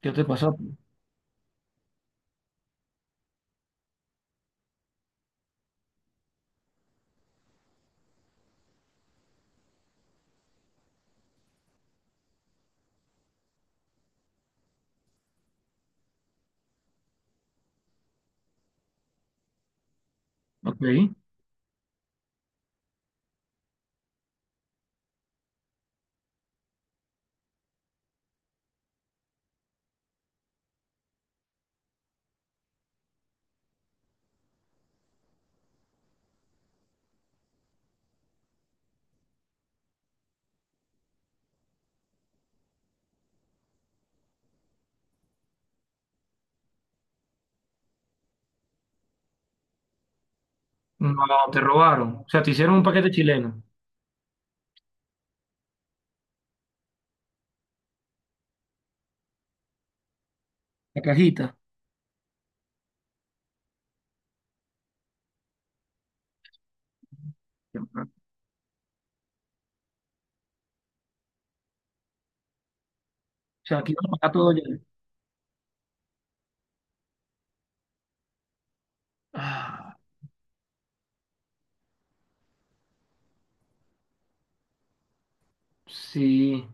¿Qué te pasó? Ok. No, te robaron. O sea, te hicieron un paquete chileno. La cajita. O sea, aquí vas a pagar todo ya. Ah, sí.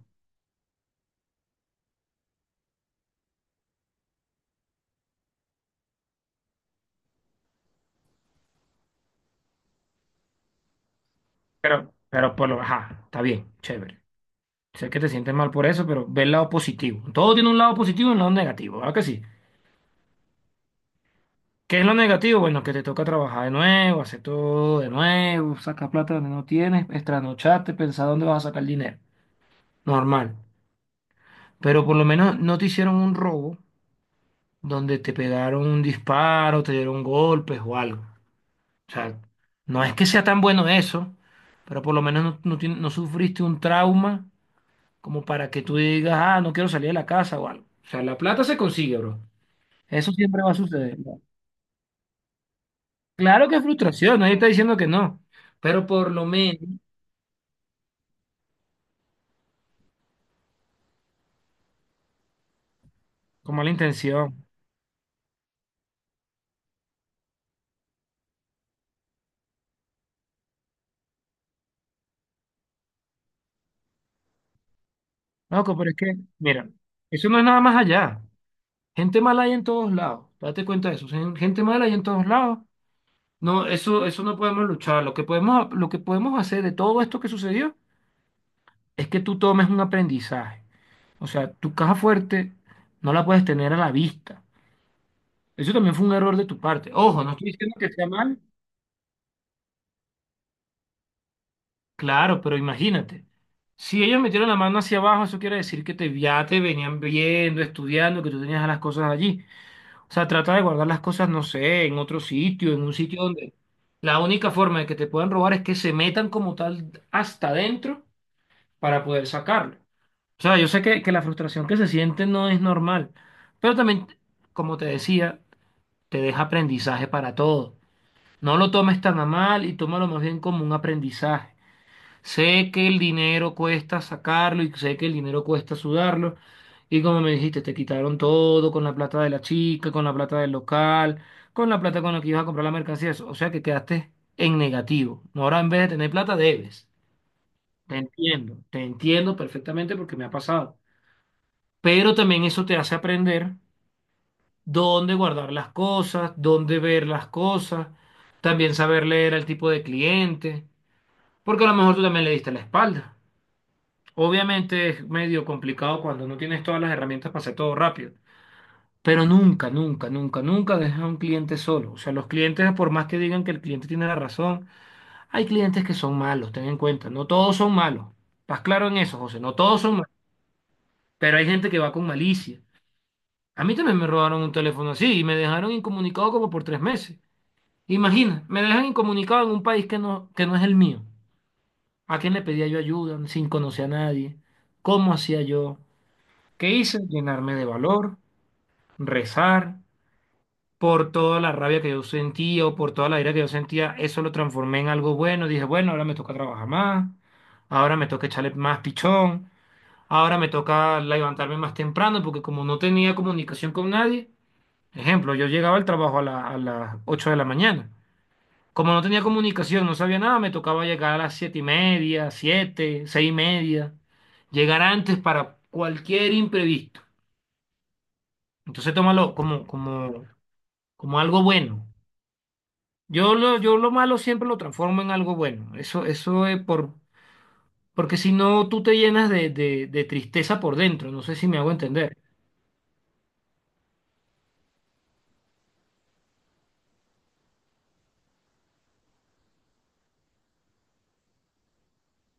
Pero por lo ajá, está bien, chévere. Sé que te sientes mal por eso, pero ve el lado positivo. Todo tiene un lado positivo y un lado negativo, ¿verdad que sí? ¿Qué es lo negativo? Bueno, que te toca trabajar de nuevo, hacer todo de nuevo, sacar plata donde no tienes, extranocharte, pensar dónde vas a sacar el dinero. Normal. Pero por lo menos no te hicieron un robo donde te pegaron un disparo, te dieron golpes o algo. O sea, no es que sea tan bueno eso, pero por lo menos no, no sufriste un trauma como para que tú digas, ah, no quiero salir de la casa o algo. O sea, la plata se consigue, bro. Eso siempre va a suceder. Claro que es frustración, nadie está diciendo que no, pero por lo menos, con mala intención. Loco, pero es que, mira, eso no es nada más allá. Gente mala hay en todos lados. Date cuenta de eso. Gente mala hay en todos lados. No, eso no podemos luchar. Lo que podemos, hacer de todo esto que sucedió es que tú tomes un aprendizaje. O sea, tu caja fuerte no la puedes tener a la vista. Eso también fue un error de tu parte. Ojo, no estoy diciendo que sea mal. Claro, pero imagínate. Si ellos metieron la mano hacia abajo, eso quiere decir que te, ya te venían viendo, estudiando, que tú tenías las cosas allí. O sea, trata de guardar las cosas, no sé, en otro sitio, en un sitio donde la única forma de que te puedan robar es que se metan como tal hasta adentro para poder sacarlo. O sea, yo sé que, la frustración que se siente no es normal, pero también, como te decía, te deja aprendizaje para todo. No lo tomes tan a mal y tómalo más bien como un aprendizaje. Sé que el dinero cuesta sacarlo y sé que el dinero cuesta sudarlo. Y como me dijiste, te quitaron todo con la plata de la chica, con la plata del local, con la plata con la que ibas a comprar la mercancía. O sea que quedaste en negativo. Ahora en vez de tener plata, debes. Te entiendo perfectamente porque me ha pasado. Pero también eso te hace aprender dónde guardar las cosas, dónde ver las cosas, también saber leer al tipo de cliente, porque a lo mejor tú también le diste la espalda. Obviamente es medio complicado cuando no tienes todas las herramientas para hacer todo rápido, pero nunca, nunca, nunca, nunca dejas a un cliente solo. O sea, los clientes, por más que digan que el cliente tiene la razón, hay clientes que son malos, ten en cuenta, no todos son malos. ¿Estás claro en eso, José? No todos son malos, pero hay gente que va con malicia. A mí también me robaron un teléfono así y me dejaron incomunicado como por tres meses. Imagina, me dejan incomunicado en un país que no, es el mío. ¿A quién le pedía yo ayuda sin conocer a nadie? ¿Cómo hacía yo? ¿Qué hice? Llenarme de valor, rezar. Por toda la rabia que yo sentía o por toda la ira que yo sentía, eso lo transformé en algo bueno. Dije, bueno, ahora me toca trabajar más, ahora me toca echarle más pichón, ahora me toca levantarme más temprano porque como no tenía comunicación con nadie. Ejemplo, yo llegaba al trabajo a las 8 de la mañana. Como no tenía comunicación, no sabía nada, me tocaba llegar a las 7 y media, 7 6 y media, llegar antes para cualquier imprevisto. Entonces tómalo como, como algo bueno. Yo lo malo siempre lo transformo en algo bueno. Eso es porque si no, tú te llenas de, tristeza por dentro. No sé si me hago entender.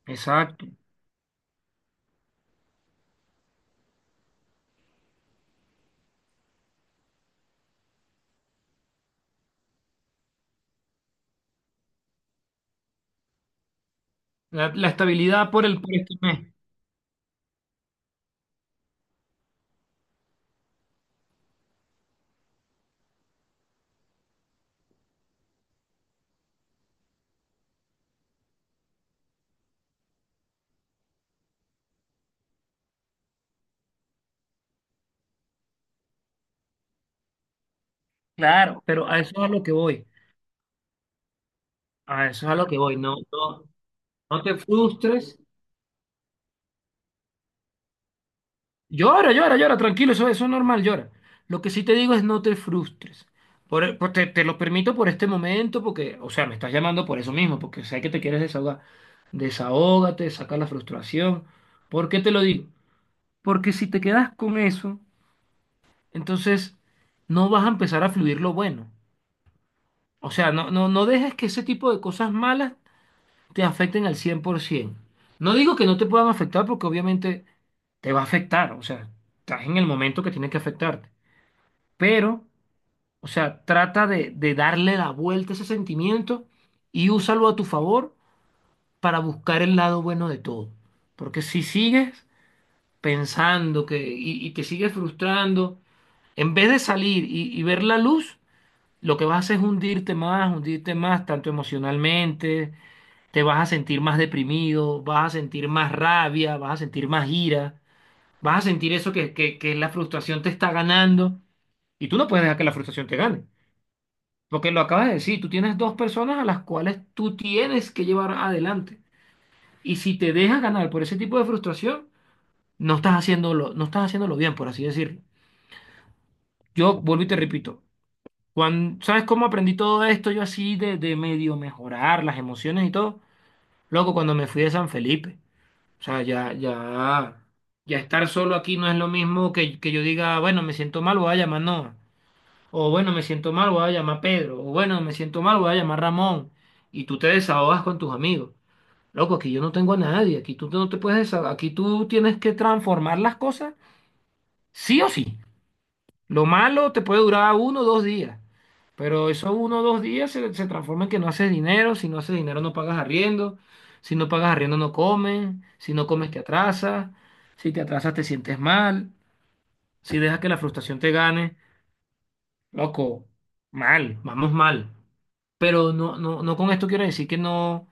Exacto. La estabilidad por este mes. Claro, pero a eso es a lo que voy. A eso es a lo que voy, no, no, no te frustres. Llora, llora, llora, tranquilo, eso es normal, llora. Lo que sí te digo es no te frustres. Te lo permito por este momento, porque, o sea, me estás llamando por eso mismo, porque sé que te quieres desahogar. Desahógate, saca la frustración. ¿Por qué te lo digo? Porque si te quedas con eso, entonces no vas a empezar a fluir lo bueno. O sea, no, no, no dejes que ese tipo de cosas malas te afecten al 100%. No digo que no te puedan afectar porque obviamente te va a afectar, o sea, estás en el momento que tiene que afectarte, pero, o sea, trata de, darle la vuelta a ese sentimiento y úsalo a tu favor para buscar el lado bueno de todo. Porque si sigues pensando que, y te sigues frustrando, en vez de salir y ver la luz, lo que vas a hacer es hundirte más, tanto emocionalmente, te vas a sentir más deprimido, vas a sentir más rabia, vas a sentir más ira, vas a sentir eso que, la frustración te está ganando y tú no puedes dejar que la frustración te gane, porque lo acabas de decir, tú tienes dos personas a las cuales tú tienes que llevar adelante y si te dejas ganar por ese tipo de frustración, no estás haciéndolo, no estás haciéndolo bien, por así decirlo. Yo vuelvo y te repito, ¿sabes cómo aprendí todo esto yo así de, medio mejorar las emociones y todo? Loco, cuando me fui de San Felipe. O sea, ya, ya, ya estar solo aquí no es lo mismo que, yo diga, bueno, me siento mal, voy a llamar Noah. O bueno, me siento mal, voy a llamar Pedro. O bueno, me siento mal, voy a llamar Ramón. Y tú te desahogas con tus amigos. Loco, aquí yo no tengo a nadie. Aquí tú no te puedes desahogar. Aquí tú tienes que transformar las cosas sí o sí. Lo malo te puede durar uno o dos días, pero esos uno o dos días se transforma en que no haces dinero, si no haces dinero no pagas arriendo, si no pagas arriendo no comes, si no comes te atrasas, si te atrasas te sientes mal, si dejas que la frustración te gane, loco, mal, vamos mal. Pero no, no, no con esto quiero decir que no,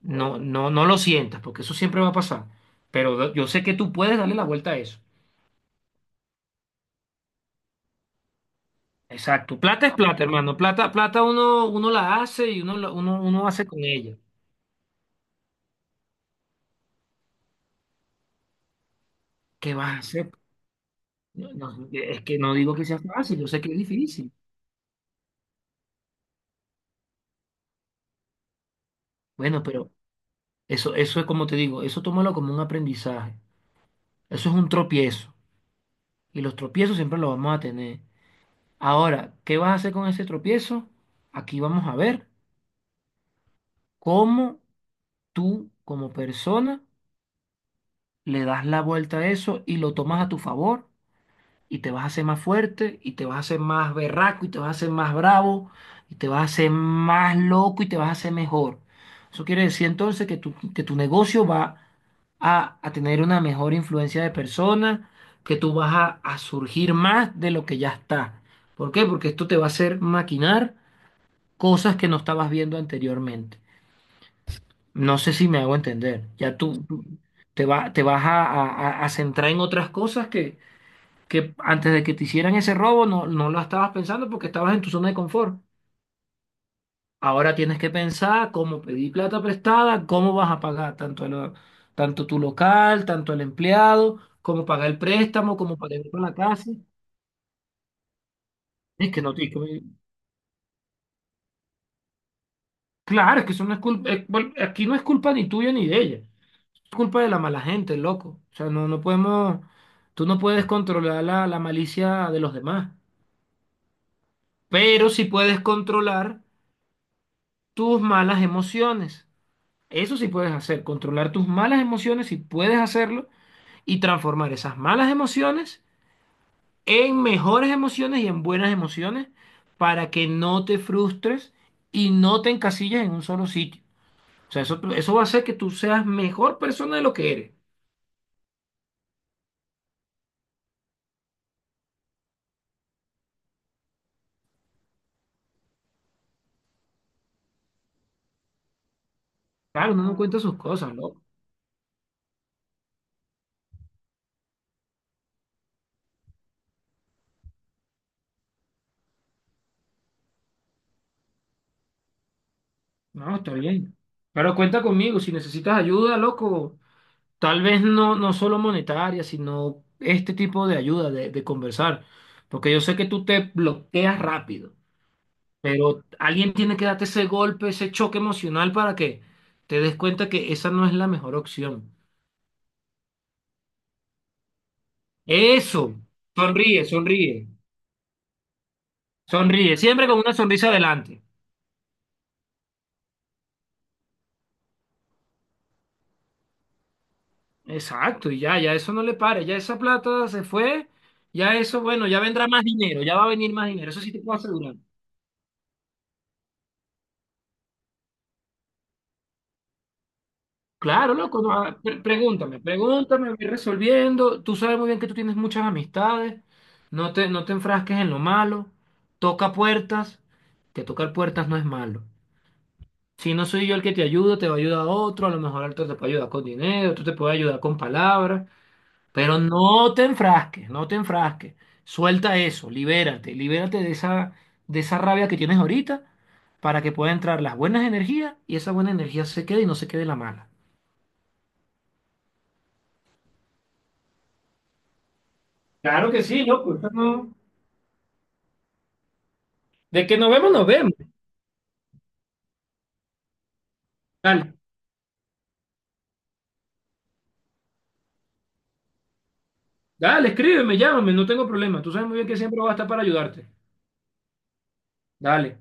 no, no, no lo sientas, porque eso siempre va a pasar. Pero yo sé que tú puedes darle la vuelta a eso. Exacto. Plata es plata, hermano. Plata, plata uno la hace y uno hace con ella. ¿Qué vas a hacer? No, no, es que no digo que sea fácil, yo sé que es difícil. Bueno, pero eso es como te digo, eso tómalo como un aprendizaje. Eso es un tropiezo. Y los tropiezos siempre los vamos a tener. Ahora, ¿qué vas a hacer con ese tropiezo? Aquí vamos a ver cómo tú, como persona, le das la vuelta a eso y lo tomas a tu favor y te vas a hacer más fuerte y te vas a hacer más berraco y te vas a hacer más bravo y te vas a hacer más loco y te vas a hacer mejor. Eso quiere decir entonces que que tu negocio va a tener una mejor influencia de personas, que tú vas a surgir más de lo que ya está. ¿Por qué? Porque esto te va a hacer maquinar cosas que no estabas viendo anteriormente. No sé si me hago entender. Ya tú te vas a centrar en otras cosas que antes de que te hicieran ese robo no, no lo estabas pensando porque estabas en tu zona de confort. Ahora tienes que pensar cómo pedir plata prestada, cómo vas a pagar tanto, tanto tu local, tanto el empleado, cómo pagar el préstamo, cómo pagar con la casa. Es que no, claro, es que eso no es culpa, bueno, aquí no es culpa ni tuya ni de ella, es culpa de la mala gente, loco. O sea, no, no podemos, tú no puedes controlar la malicia de los demás, pero sí puedes controlar tus malas emociones. Eso sí puedes hacer, controlar tus malas emociones, si puedes hacerlo, y transformar esas malas emociones en mejores emociones y en buenas emociones para que no te frustres y no te encasilles en un solo sitio. O sea, eso va a hacer que tú seas mejor persona de lo que eres. Claro, uno no cuenta sus cosas, loco. No, está bien. Pero cuenta conmigo, si necesitas ayuda, loco, tal vez no, no solo monetaria, sino este tipo de ayuda, de conversar, porque yo sé que tú te bloqueas rápido. Pero alguien tiene que darte ese golpe, ese choque emocional para que te des cuenta que esa no es la mejor opción. Eso, sonríe, sonríe, sonríe, siempre con una sonrisa adelante. Exacto, y ya, ya eso no le pare, ya esa plata se fue, ya eso, bueno, ya vendrá más dinero, ya va a venir más dinero, eso sí te puedo asegurar. Claro, loco, no, ah, pregúntame, pregúntame, voy resolviendo. Tú sabes muy bien que tú tienes muchas amistades, no te, enfrasques en lo malo, toca puertas, que tocar puertas no es malo. Si no soy yo el que te ayuda, te va a ayudar otro, a lo mejor otro te puede ayudar con dinero, otro te puede ayudar con palabras, pero no te enfrasques, no te enfrasques. Suelta eso, libérate, libérate de esa, rabia que tienes ahorita para que pueda entrar las buenas energías y esa buena energía se quede y no se quede la mala. Claro que sí, loco. Eso no- De que nos vemos, nos vemos. Dale, dale, escríbeme, llámame, no tengo problema. Tú sabes muy bien que siempre voy a estar para ayudarte. Dale.